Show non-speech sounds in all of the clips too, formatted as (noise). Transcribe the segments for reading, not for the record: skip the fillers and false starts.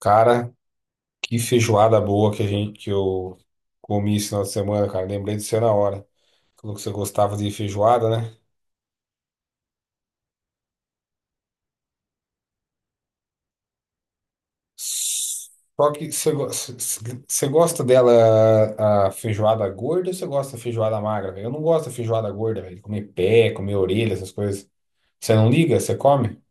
Cara, que feijoada boa que a gente que eu comi esse final de semana, cara. Lembrei de você na hora. Falou que você gostava de feijoada, né? Só que você, go- c- c- você gosta dela a feijoada gorda ou você gosta da feijoada magra, velho? Eu não gosto da feijoada gorda, velho. Comer pé, comer orelha, essas coisas. Você não liga? Você come?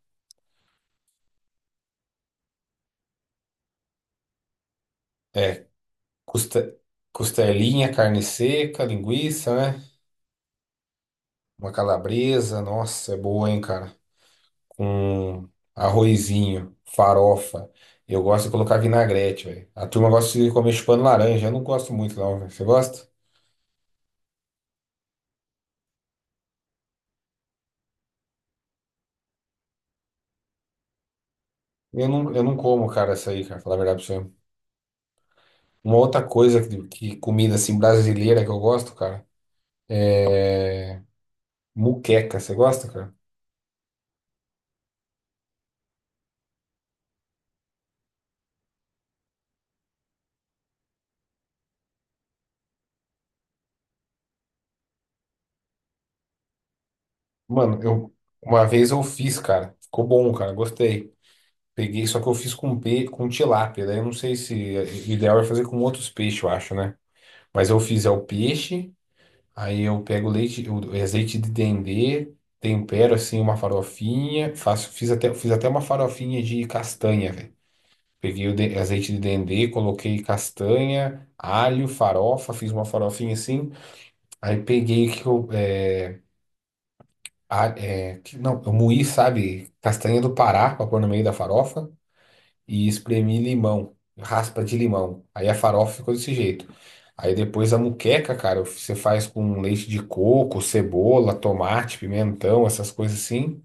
É, custa, costelinha, carne seca, linguiça, né? Uma calabresa. Nossa, é boa, hein, cara? Com arrozinho, farofa. Eu gosto de colocar vinagrete, velho. A turma gosta de comer chupando laranja. Eu não gosto muito, não, velho. Você gosta? Eu não como, cara, essa aí, cara, falar a verdade pra você. Uma outra coisa que comida assim brasileira que eu gosto, cara, muqueca. Você gosta, cara? Mano, eu uma vez eu fiz, cara. Ficou bom, cara. Gostei. Peguei, só que eu fiz com com tilápia. Daí eu não sei se é, o ideal é fazer com outros peixes, eu acho, né? Mas eu fiz é o peixe. Aí eu pego leite, o azeite de dendê, tempero assim uma farofinha, fiz até uma farofinha de castanha, velho. Peguei azeite de dendê, coloquei castanha, alho, farofa, fiz uma farofinha assim. Aí peguei que eu, é, a- é, que- não, eu moí, sabe, castanha do Pará para pôr no meio da farofa. E espremi limão, raspa de limão. Aí a farofa ficou desse jeito. Aí depois a muqueca, cara, você faz com leite de coco, cebola, tomate, pimentão, essas coisas assim.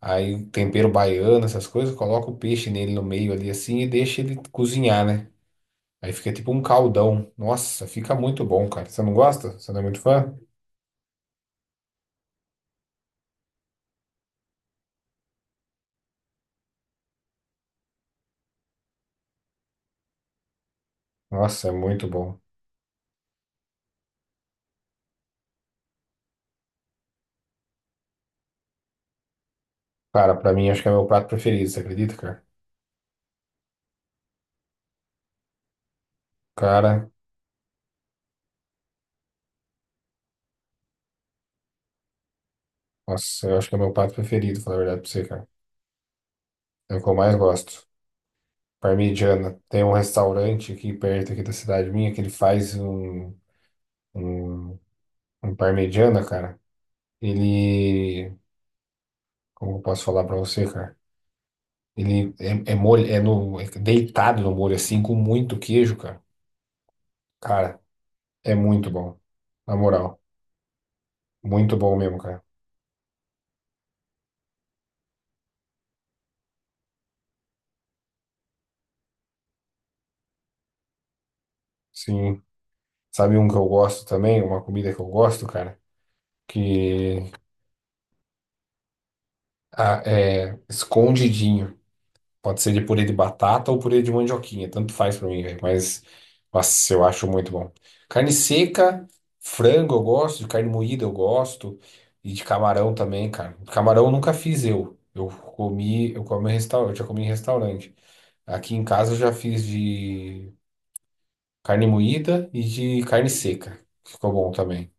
Aí tempero baiano, essas coisas, coloca o peixe nele no meio ali assim e deixa ele cozinhar, né? Aí fica tipo um caldão. Nossa, fica muito bom, cara. Você não gosta? Você não é muito fã? Nossa, é muito bom. Cara, pra mim acho que é meu prato preferido, você acredita, cara? Cara, nossa, eu acho que é meu prato preferido, falar a verdade pra você, cara. É o que eu mais gosto. Parmegiana. Tem um restaurante aqui perto aqui da cidade minha que ele faz um, um parmegiana, cara. Ele, como eu posso falar pra você, cara? Ele é é deitado no molho assim com muito queijo, cara. Cara, é muito bom. Na moral, muito bom mesmo, cara. Sim. Sabe um que eu gosto também, uma comida que eu gosto, cara, que ah, é escondidinho. Pode ser de purê de batata ou purê de mandioquinha, tanto faz pra mim, velho. Mas, nossa, eu acho muito bom. Carne seca, frango eu gosto, de carne moída eu gosto, e de camarão também, cara. Camarão eu nunca fiz. Eu comi em restaurante, eu já comi em restaurante. Aqui em casa eu já fiz de carne moída e de carne seca. Ficou bom também.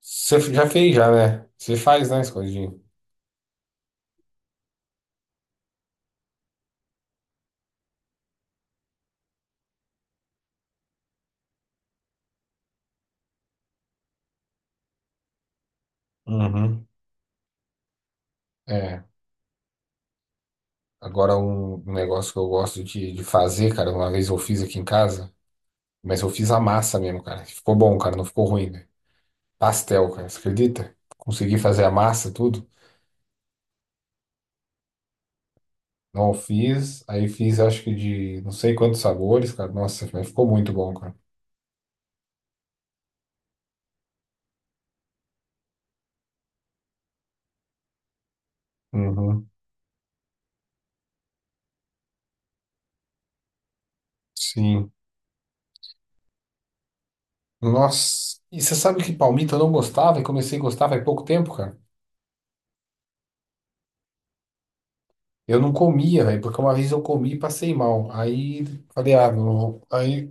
Você já fez, já, né? Você faz, né, escondidinho? Uhum. É. Agora, um negócio que eu gosto de fazer, cara, uma vez eu fiz aqui em casa, mas eu fiz a massa mesmo, cara. Ficou bom, cara, não ficou ruim, velho. Pastel, cara, você acredita? Consegui fazer a massa, tudo. Não fiz, aí fiz acho que de não sei quantos sabores, cara. Nossa, mas ficou muito bom, cara. Uhum, sim. Nossa, e você sabe que palmito eu não gostava e comecei a gostar faz pouco tempo, cara? Eu não comia, velho, porque uma vez eu comi e passei mal. Aí falei, ah, não, aí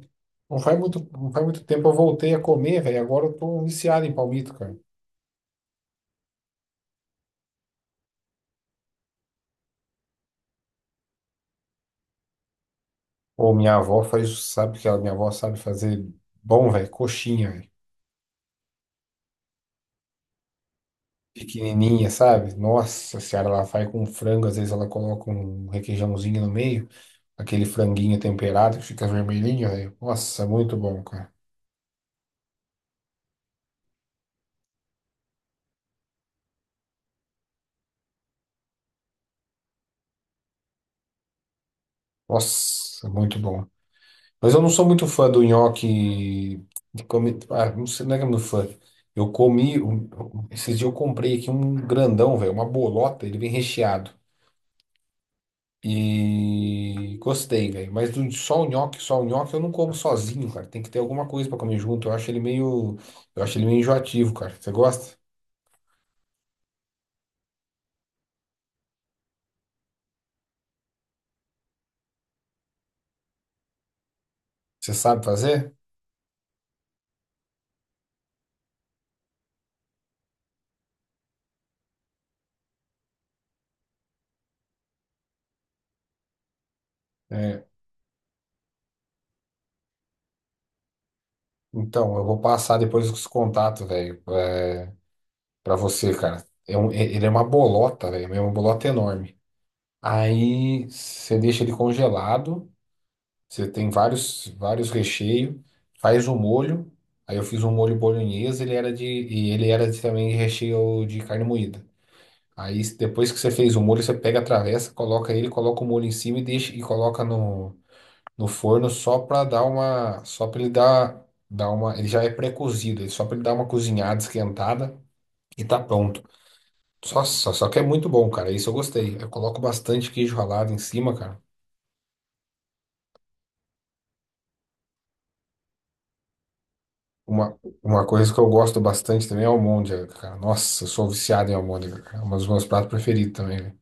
não faz muito tempo eu voltei a comer, velho. Agora eu tô viciado em palmito, cara. Pô, minha avó faz, sabe que ela, minha avó sabe fazer bom, velho, coxinha, velho. Pequenininha, sabe? Nossa senhora, ela faz com frango, às vezes ela coloca um requeijãozinho no meio, aquele franguinho temperado que fica vermelhinho, velho. Nossa, muito bom, cara. Nossa, muito bom. Mas eu não sou muito fã do nhoque de comi... Ah, não sei, não é que eu não sou fã. Eu comi, um- esses dias eu comprei aqui um grandão, velho, uma bolota, ele vem recheado. E gostei, velho. Só o nhoque eu não como sozinho, cara. Tem que ter alguma coisa pra comer junto. Eu acho ele meio enjoativo, cara. Você gosta? Você sabe fazer? É. Então, eu vou passar depois os contatos, velho, pra você, cara. Ele é uma bolota, velho, é uma bolota enorme. Aí você deixa ele congelado. Você tem vários recheios. Faz o molho. Aí eu fiz um molho bolonhesa, e ele era de, também de recheio de carne moída. Aí depois que você fez o molho, você pega a travessa, coloca ele, coloca o molho em cima e deixa e coloca no forno só para dar uma, só para ele dar uma, ele já é pré-cozido, só para ele dar uma cozinhada, esquentada e tá pronto. Só que é muito bom, cara. Isso eu gostei. Eu coloco bastante queijo ralado em cima, cara. Uma coisa que eu gosto bastante também é almôndega, cara. Nossa, eu sou viciado em almôndega, cara. É um dos meus pratos preferidos também, velho.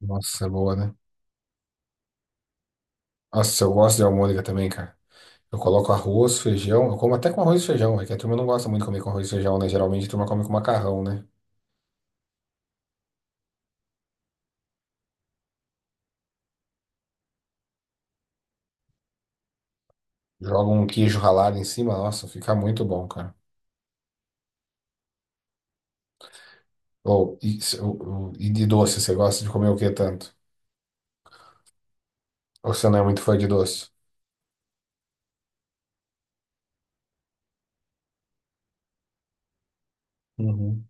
Nossa, é boa, né? Nossa, eu gosto de almôndega também, cara. Eu coloco arroz, feijão. Eu como até com arroz e feijão, é que a turma não gosta muito de comer com arroz e feijão, né? Geralmente a turma come com macarrão, né? Joga um queijo ralado em cima, nossa, fica muito bom, cara. Ou, e, se- ou- e de doce, você gosta de comer o que tanto? Ou você não é muito fã de doce? Uhum.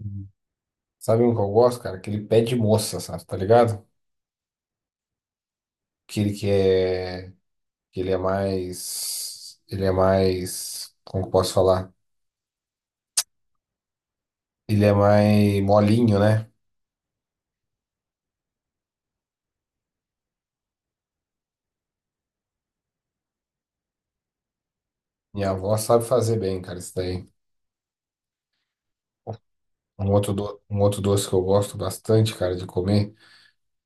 Uhum. Sabe um que eu gosto, cara? Aquele pé de moça, sabe? Tá ligado? Aquele que é. Que Ele é mais. Ele é mais. Como que eu posso falar? Ele é mais molinho, né? Minha avó sabe fazer bem, cara, isso daí. Um outro doce que eu gosto bastante, cara, de comer,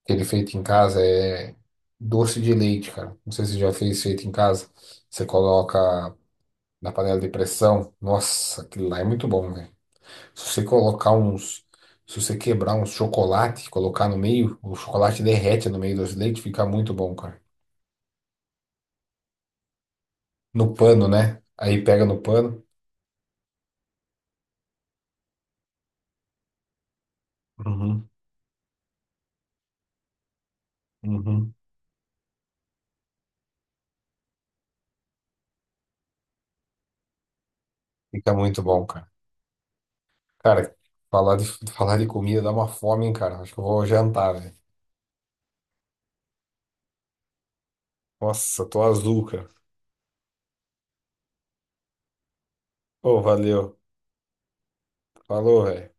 que ele é feito em casa, é doce de leite, cara. Não sei se você já fez feito em casa. Você coloca na panela de pressão. Nossa, aquilo lá é muito bom, velho. Se você colocar uns. Se você quebrar uns chocolate, e colocar no meio, o chocolate derrete no meio do doce de leite, fica muito bom, cara. No pano, né? Aí pega no pano, uhum, uhum. Fica muito bom, cara. Cara, falar de, (laughs) falar de comida dá uma fome, hein, cara. Acho que eu vou jantar, velho. Nossa, tô azul, cara. Ô, valeu. Falou, velho.